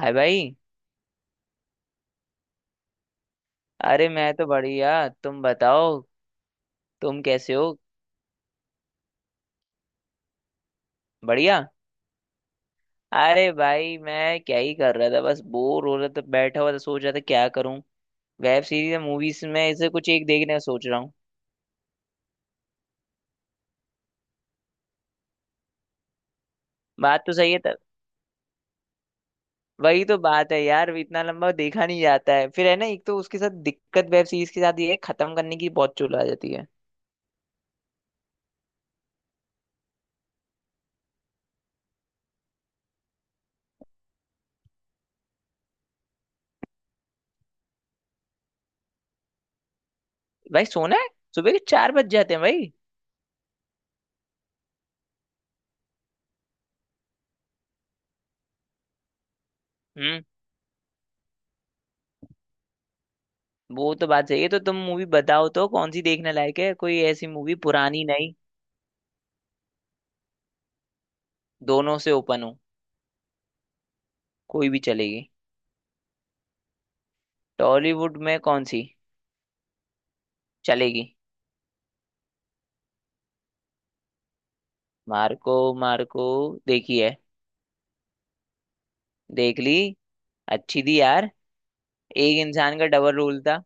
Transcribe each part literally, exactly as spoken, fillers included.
हाय भाई। अरे मैं तो बढ़िया, तुम बताओ। तुम कैसे हो? बढ़िया। अरे भाई मैं क्या ही कर रहा था, बस बोर हो रहा था, बैठा हुआ था, सोच रहा था क्या करूं। वेब सीरीज या मूवीज में इसे कुछ एक देखने का सोच रहा हूँ। बात तो सही है तर... वही तो बात है यार, इतना लंबा देखा नहीं जाता है। फिर है ना, एक तो उसके साथ दिक्कत वेब सीरीज के साथ ये है, खत्म करने की बहुत चुल आ जाती है। भाई सोना है, सुबह के चार बज जाते हैं भाई। हम्म। वो तो बात सही है। तो तुम मूवी बताओ, तो कौन सी देखने लायक है कोई ऐसी मूवी पुरानी? दोनों से ओपन हूँ, कोई भी चलेगी। टॉलीवुड में कौन सी चलेगी? मार्को? मार्को देखी है, देख ली। अच्छी थी यार। एक इंसान का डबल रोल था।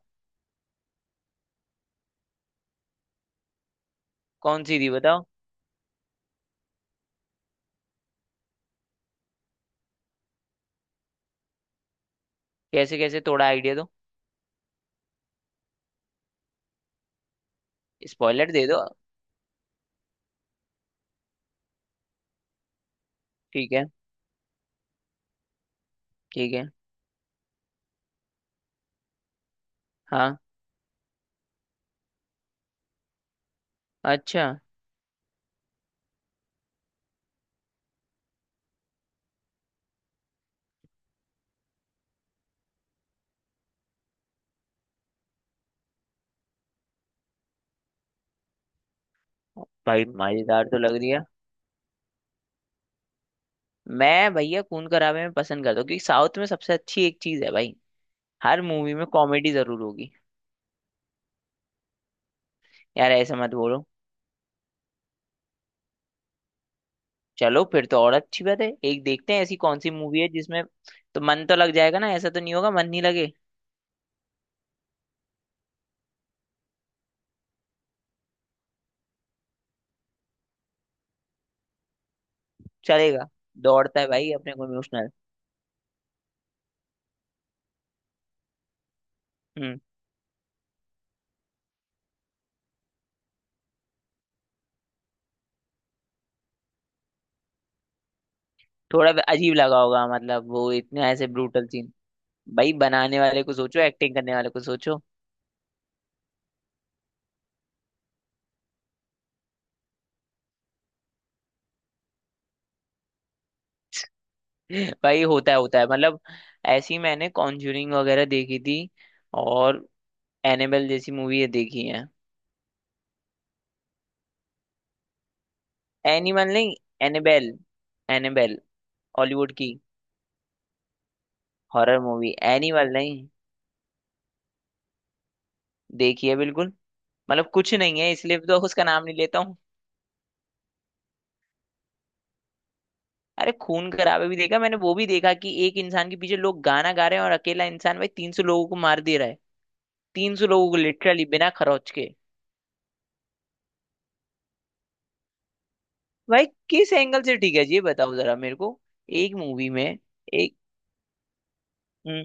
कौन सी थी बताओ? कैसे कैसे, थोड़ा आइडिया दो। स्पॉइलर दे दो। ठीक है, ठीक है। हाँ, अच्छा। भाई मजेदार तो लग रही है। मैं भैया खून खराबे में पसंद करता हूँ, क्योंकि साउथ में सबसे अच्छी एक चीज है भाई, हर मूवी में कॉमेडी जरूर होगी। यार ऐसा मत बोलो। चलो फिर तो और अच्छी बात है, एक देखते हैं। ऐसी कौन सी मूवी है जिसमें तो मन तो लग जाएगा ना, ऐसा तो नहीं होगा मन नहीं लगे? चलेगा, दौड़ता है भाई, अपने को इमोशनल। हम्म। थोड़ा अजीब लगा होगा, मतलब वो इतना ऐसे ब्रूटल सीन। भाई बनाने वाले को सोचो, एक्टिंग करने वाले को सोचो। भाई होता है होता है, मतलब ऐसी मैंने कॉन्जूरिंग वगैरह देखी थी। और एनेबेल जैसी मूवी ये देखी है? एनिमल नहीं, एनेबेल, एनेबेल, हॉलीवुड की हॉरर मूवी। एनिमल नहीं? देखी है बिल्कुल, मतलब कुछ नहीं है इसलिए तो उसका नाम नहीं लेता हूँ। अरे खून खराबे भी देखा मैंने, वो भी देखा कि एक इंसान के पीछे लोग गाना गा रहे हैं और अकेला इंसान भाई तीन सौ लोगों को मार दे रहा है। तीन सौ लोगों को लिटरली बिना खरोच के। भाई किस एंगल से ठीक है ये बताओ जरा मेरे को। एक मूवी में एक। हम्म,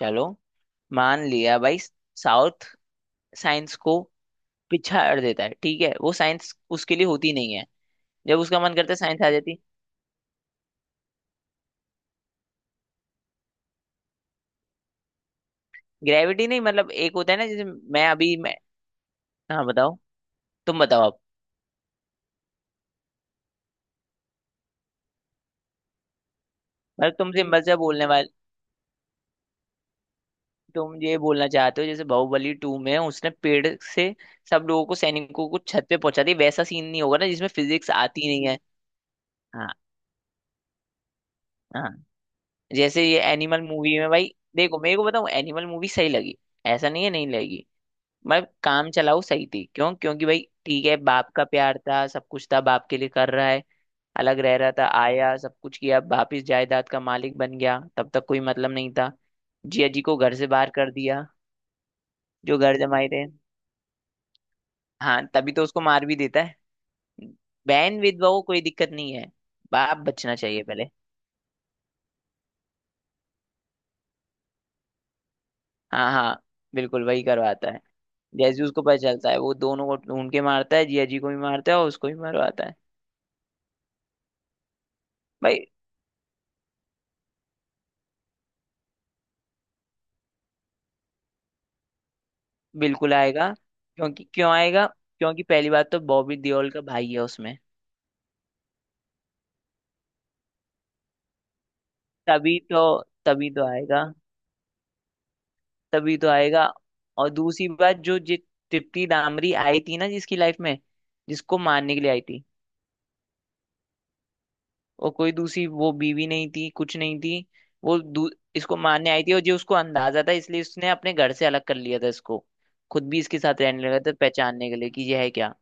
चलो मान लिया भाई। साउथ, साइंस को पिछाड़ देता है, ठीक है वो। साइंस उसके लिए होती नहीं है, जब उसका मन करता है साइंस आ जाती। ग्रेविटी नहीं मतलब एक होता है ना जैसे मैं अभी मैं। हाँ बताओ। तुम बताओ, आप। मैं तुमसे मजा बोलने वाला, तुम ये बोलना चाहते हो जैसे बाहुबली टू में उसने पेड़ से सब लोगों को, सैनिकों को छत पे पहुंचा दिया, वैसा सीन नहीं होगा ना जिसमें फिजिक्स आती नहीं है? हाँ, हाँ, जैसे ये एनिमल मूवी में भाई। देखो मेरे को बताऊं, एनिमल मूवी सही लगी, ऐसा नहीं है नहीं लगी। मैं काम चलाऊ सही थी, क्यों? क्योंकि भाई ठीक है, बाप का प्यार था, सब कुछ था, बाप के लिए कर रहा है। अलग रह रहा था, आया, सब कुछ किया, वापिस जायदाद का मालिक बन गया, तब तक कोई मतलब नहीं था। जिया जी को घर से बाहर कर दिया, जो घर जमाए थे। हाँ तभी तो उसको मार भी देता है। बैन विधवा को कोई दिक्कत नहीं है, बाप बचना चाहिए पहले। हाँ हाँ, बिल्कुल वही करवाता है। जैसे ही उसको पता चलता है वो दोनों को ढूंढ के मारता है, जिया जी को भी मारता है और उसको भी मारवाता है। भाई बिल्कुल आएगा। क्योंकि क्यों आएगा? क्योंकि पहली बात तो बॉबी देओल का भाई है उसमें, तभी तो, तभी तो आएगा, तभी तो आएगा। और दूसरी बात, जो जि- तृप्ति दामरी आई थी ना जिसकी लाइफ में, जिसको मारने के लिए आई थी, और कोई दूसरी वो बीवी नहीं थी, कुछ नहीं थी। वो दू, इसको मारने आई थी, और जो उसको अंदाजा था इसलिए उसने अपने घर से अलग कर लिया था इसको। खुद भी इसके साथ रहने लगा था, पहचानने के लिए कि ये है क्या।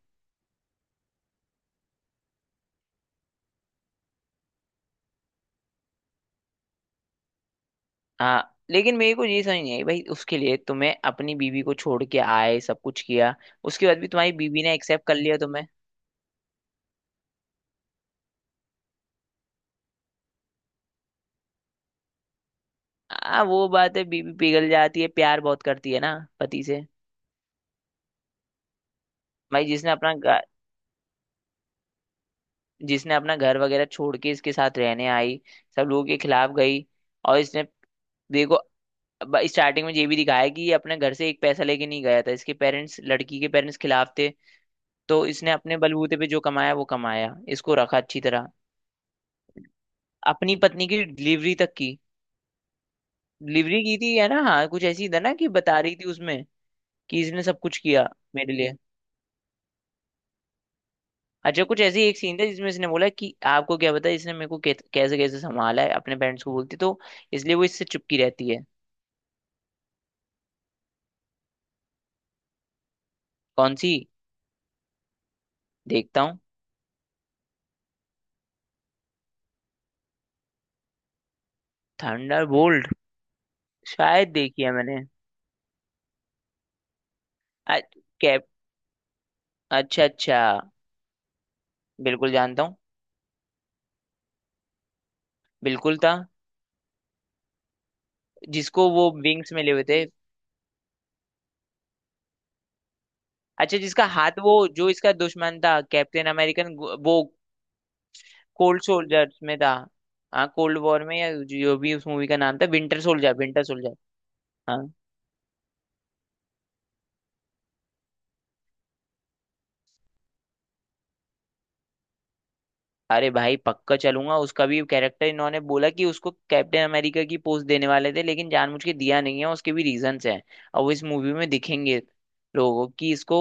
हाँ, लेकिन मेरे को ये समझ नहीं आई भाई, उसके लिए तुम्हें अपनी बीवी को छोड़ के आए, सब कुछ किया, उसके बाद भी तुम्हारी बीवी ने एक्सेप्ट कर लिया तुम्हें। हाँ वो बात है, बीवी पिघल जाती है, प्यार बहुत करती है ना पति से। भाई जिसने अपना गा- जिसने अपना घर वगैरह छोड़ के इसके साथ रहने आई, सब लोगों के खिलाफ गई, और इसने देखो, अब स्टार्टिंग में ये भी दिखाया है कि ये अपने घर से एक पैसा लेके नहीं गया था, इसके पेरेंट्स, लड़की के पेरेंट्स खिलाफ थे। तो इसने अपने बलबूते पे जो कमाया वो कमाया, इसको रखा अच्छी तरह, अपनी पत्नी की डिलीवरी तक की। डिलीवरी की थी है ना, हाँ कुछ ऐसी था ना, कि बता रही थी उसमें कि इसने सब कुछ किया मेरे लिए। अच्छा कुछ ऐसी एक सीन था जिसमें इसने बोला कि आपको क्या पता इसने मेरे को कैसे कैसे कैसे संभाला है, अपने पेरेंट्स को बोलती तो, इसलिए वो इससे चुपकी रहती है। कौन सी? देखता हूँ। Thunder bolt. शायद देखी है मैंने, अच्छा अच्छा। बिल्कुल जानता हूँ। बिल्कुल था। जिसको वो विंग्स मिले हुए थे। अच्छा जिसका हाथ, वो जो इसका दुश्मन था कैप्टन अमेरिकन, वो कोल्ड सोल्जर में था। हाँ, कोल्ड वॉर में या जो भी उस मूवी का नाम था, विंटर सोल्जर, विंटर सोल्जर। हाँ। अरे भाई पक्का चलूंगा। उसका भी कैरेक्टर इन्होंने बोला कि उसको कैप्टन अमेरिका की पोस्ट देने वाले थे, लेकिन जानबूझ के दिया नहीं है, उसके भी रीजंस हैं, और वो इस मूवी में दिखेंगे लोगों को, कि इसको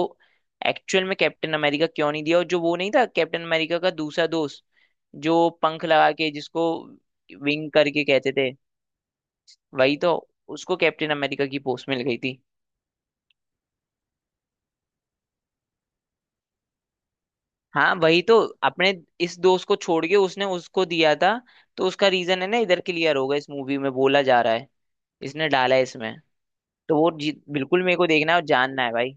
एक्चुअल में कैप्टन अमेरिका क्यों नहीं दिया। और जो वो नहीं था कैप्टन अमेरिका का दूसरा दोस्त, जो पंख लगा के, जिसको विंग करके कहते थे, वही तो, उसको कैप्टन अमेरिका की पोस्ट मिल गई थी। हाँ वही तो, अपने इस दोस्त को छोड़ के उसने उसको दिया था। तो उसका रीजन है ना, इधर क्लियर होगा इस मूवी में, बोला जा रहा है इसने डाला है इसमें। तो वो जी बिल्कुल, मेरे को देखना है और जानना है भाई।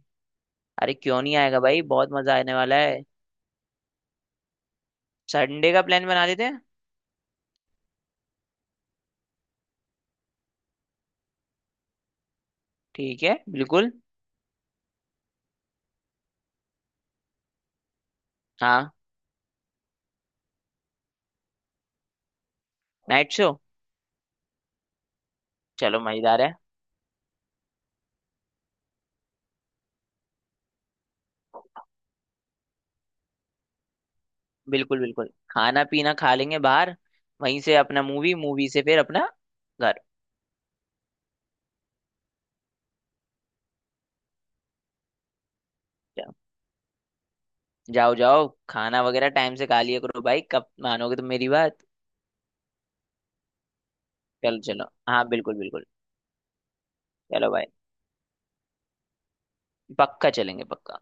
अरे क्यों नहीं आएगा भाई, बहुत मजा आने वाला है। संडे का प्लान बना लेते हैं। ठीक है बिल्कुल। हाँ, नाइट शो। चलो मजेदार है। बिल्कुल बिल्कुल, खाना पीना खा लेंगे बाहर, वहीं से अपना मूवी, मूवी से फिर अपना घर। जाओ, जाओ जाओ, खाना वगैरह टाइम से खा लिया करो भाई, कब मानोगे तुम मेरी बात? चलो चलो, हाँ बिल्कुल बिल्कुल। चलो भाई, पक्का चलेंगे, पक्का।